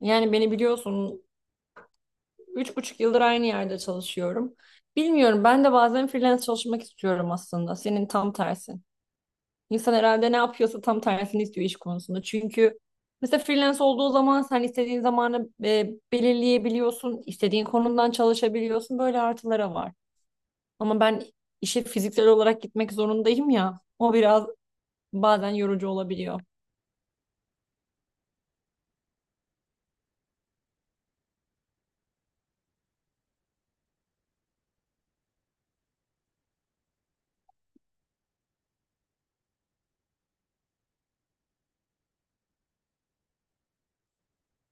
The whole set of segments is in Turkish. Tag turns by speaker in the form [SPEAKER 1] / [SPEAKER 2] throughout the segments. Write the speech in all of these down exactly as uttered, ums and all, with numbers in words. [SPEAKER 1] Yani beni biliyorsun, üç buçuk yıldır aynı yerde çalışıyorum. Bilmiyorum, ben de bazen freelance çalışmak istiyorum aslında. Senin tam tersin. İnsan herhalde ne yapıyorsa tam tersini istiyor iş konusunda. Çünkü mesela freelance olduğu zaman sen istediğin zamanı e, belirleyebiliyorsun, istediğin konumdan çalışabiliyorsun. Böyle artıları var. Ama ben işe fiziksel olarak gitmek zorundayım ya. O biraz bazen yorucu olabiliyor.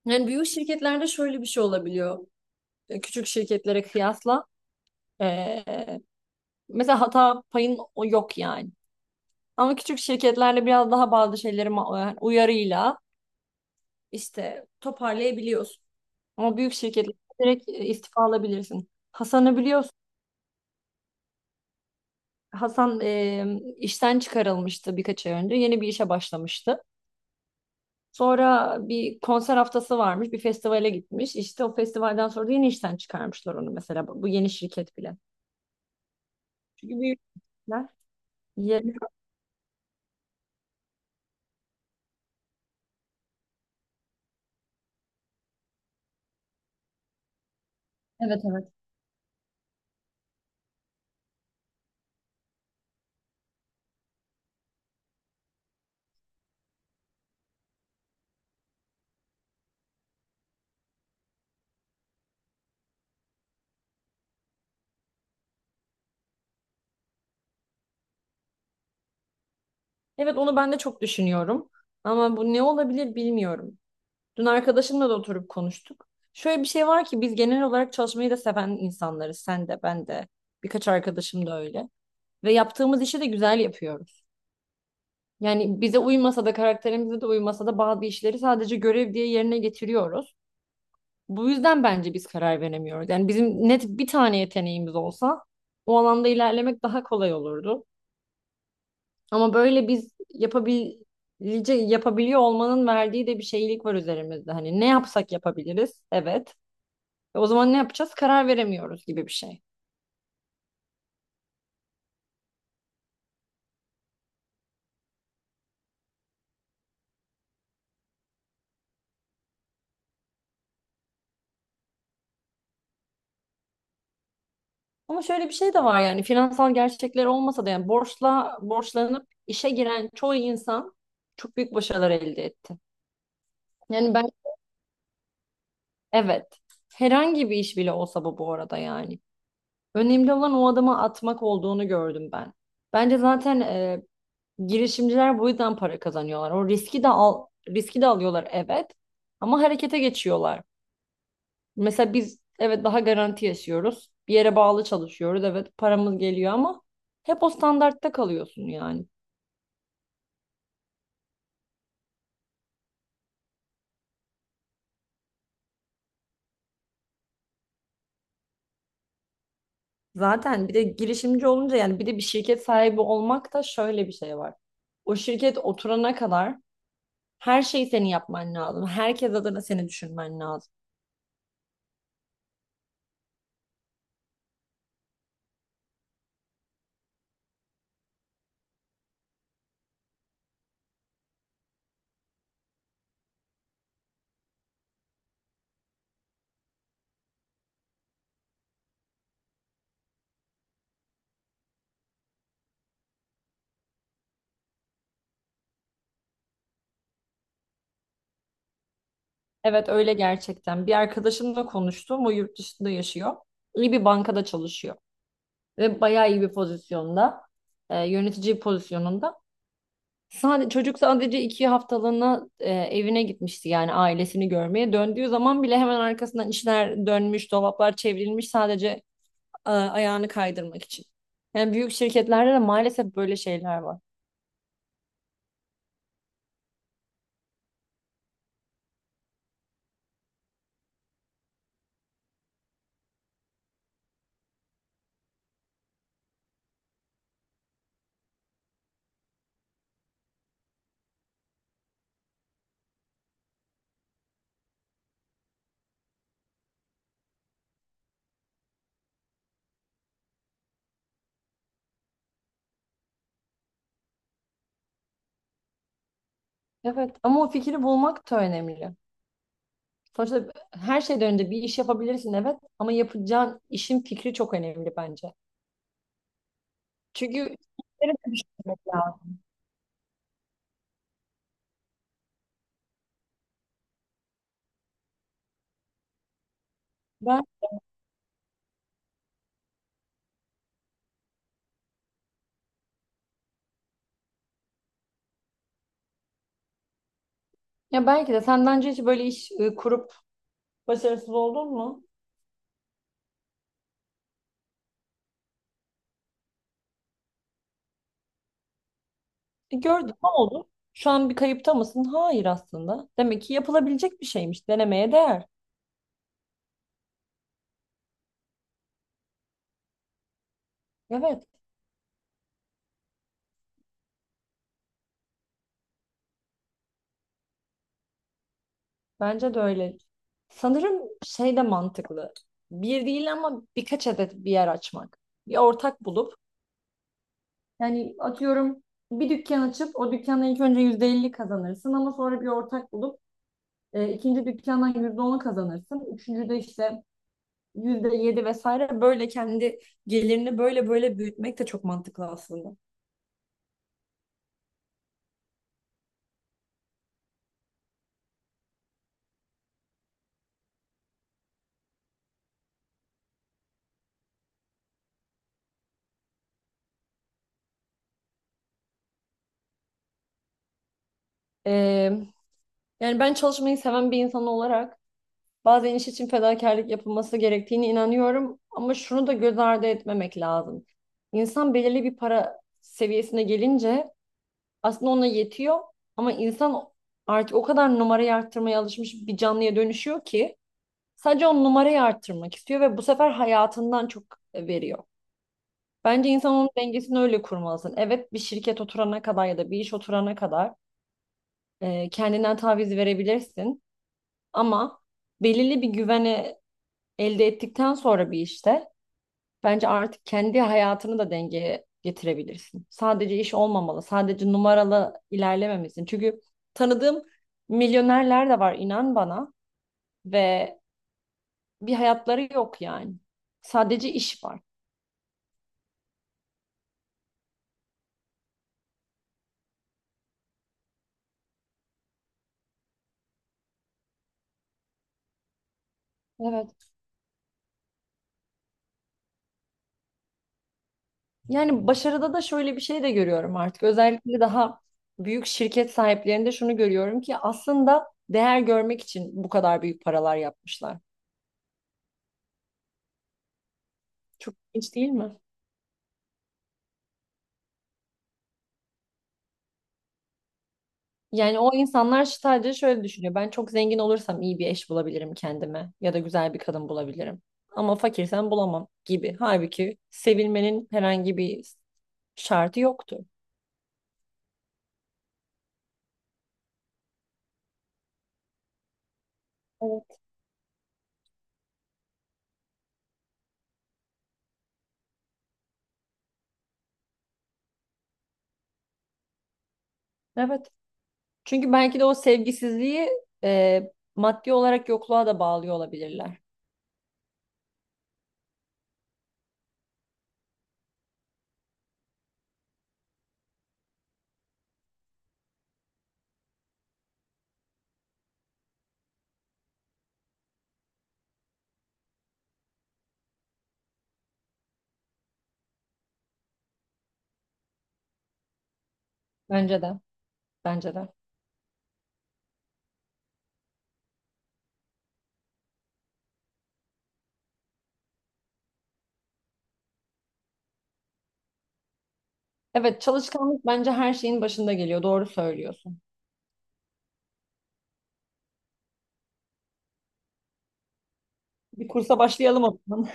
[SPEAKER 1] Yani büyük şirketlerde şöyle bir şey olabiliyor. e, Küçük şirketlere kıyasla. E, Mesela hata payın o yok yani. Ama küçük şirketlerle biraz daha bazı şeyleri ma- yani uyarıyla işte toparlayabiliyorsun. Ama büyük şirketler direkt e, istifa alabilirsin. Hasan'ı biliyorsun. Hasan e, işten çıkarılmıştı birkaç ay önce. Yeni bir işe başlamıştı. Sonra bir konser haftası varmış. Bir festivale gitmiş. İşte o festivalden sonra da yeni işten çıkarmışlar onu mesela. Bu bu yeni şirket bile. Çünkü büyük şirketler. ye- Evet, evet. Evet, onu ben de çok düşünüyorum. Ama bu ne olabilir bilmiyorum. Dün arkadaşımla da oturup konuştuk. Şöyle bir şey var ki biz genel olarak çalışmayı da seven insanlarız. Sen de, ben de. Birkaç arkadaşım da öyle. Ve yaptığımız işi de güzel yapıyoruz. Yani bize uymasa da karakterimize de uymasa da bazı işleri sadece görev diye yerine getiriyoruz. Bu yüzden bence biz karar veremiyoruz. Yani bizim net bir tane yeteneğimiz olsa o alanda ilerlemek daha kolay olurdu. Ama böyle biz yapabilece yapabiliyor olmanın verdiği de bir şeylik var üzerimizde. Hani ne yapsak yapabiliriz? Evet. Ve o zaman ne yapacağız? Karar veremiyoruz gibi bir şey. Ama şöyle bir şey de var, yani finansal gerçekler olmasa da yani borçla borçlanıp işe giren çoğu insan çok büyük başarılar elde etti. Yani ben evet herhangi bir iş bile olsa bu bu arada yani. Önemli olan o adımı atmak olduğunu gördüm ben. Bence zaten e, girişimciler bu yüzden para kazanıyorlar. O riski de al riski de alıyorlar, evet, ama harekete geçiyorlar. Mesela biz evet daha garanti yaşıyoruz. Bir yere bağlı çalışıyoruz. Evet paramız geliyor ama hep o standartta kalıyorsun yani. Zaten bir de girişimci olunca yani bir de bir şirket sahibi olmak da şöyle bir şey var. O şirket oturana kadar her şeyi senin yapman lazım. Herkes adına seni düşünmen lazım. Evet öyle gerçekten. Bir arkadaşımla konuştum. O yurt dışında yaşıyor. İyi bir bankada çalışıyor. Ve bayağı iyi bir pozisyonda, e, yönetici pozisyonunda. Sadece, çocuk sadece iki haftalığına e, evine gitmişti yani ailesini görmeye. Döndüğü zaman bile hemen arkasından işler dönmüş, dolaplar çevrilmiş sadece e, ayağını kaydırmak için. Yani büyük şirketlerde de maalesef böyle şeyler var. Evet ama o fikri bulmak da önemli. Sonuçta her şeyden önce bir iş yapabilirsin evet ama yapacağın işin fikri çok önemli bence. Çünkü işleri de düşünmek lazım. Ben, Ya belki de sen bence hiç böyle iş e, kurup başarısız oldun mu? E, gördün ne oldu? Şu an bir kayıpta mısın? Hayır aslında. Demek ki yapılabilecek bir şeymiş. Denemeye değer. Evet, bence de öyle. Sanırım şey de mantıklı. Bir değil ama birkaç adet bir yer açmak. Bir ortak bulup. Yani atıyorum, bir dükkan açıp o dükkanla ilk önce yüzde elli kazanırsın, ama sonra bir ortak bulup e, ikinci dükkandan yüzde on kazanırsın. Üçüncüde işte yüzde yedi vesaire, böyle kendi gelirini böyle böyle büyütmek de çok mantıklı aslında. E, Yani ben çalışmayı seven bir insan olarak bazen iş için fedakarlık yapılması gerektiğine inanıyorum, ama şunu da göz ardı etmemek lazım. İnsan belirli bir para seviyesine gelince aslında ona yetiyor, ama insan artık o kadar numarayı arttırmaya alışmış bir canlıya dönüşüyor ki sadece o numarayı arttırmak istiyor ve bu sefer hayatından çok veriyor. Bence insan onun dengesini öyle kurmalısın. Evet, bir şirket oturana kadar ya da bir iş oturana kadar e, kendinden taviz verebilirsin, ama belirli bir güveni elde ettikten sonra bir işte bence artık kendi hayatını da dengeye getirebilirsin. Sadece iş olmamalı, sadece numaralı ilerlememelisin. Çünkü tanıdığım milyonerler de var, inan bana, ve bir hayatları yok yani. Sadece iş var. Evet. Yani başarıda da şöyle bir şey de görüyorum artık. Özellikle daha büyük şirket sahiplerinde şunu görüyorum ki aslında değer görmek için bu kadar büyük paralar yapmışlar. Çok ilginç değil mi? Yani o insanlar sadece şöyle düşünüyor. Ben çok zengin olursam iyi bir eş bulabilirim kendime ya da güzel bir kadın bulabilirim. Ama fakirsem bulamam gibi. Halbuki sevilmenin herhangi bir şartı yoktu. Evet. Evet. Çünkü belki de o sevgisizliği e, maddi olarak yokluğa da bağlıyor olabilirler. Bence de. Bence de. Evet, çalışkanlık bence her şeyin başında geliyor. Doğru söylüyorsun. Bir kursa başlayalım o zaman.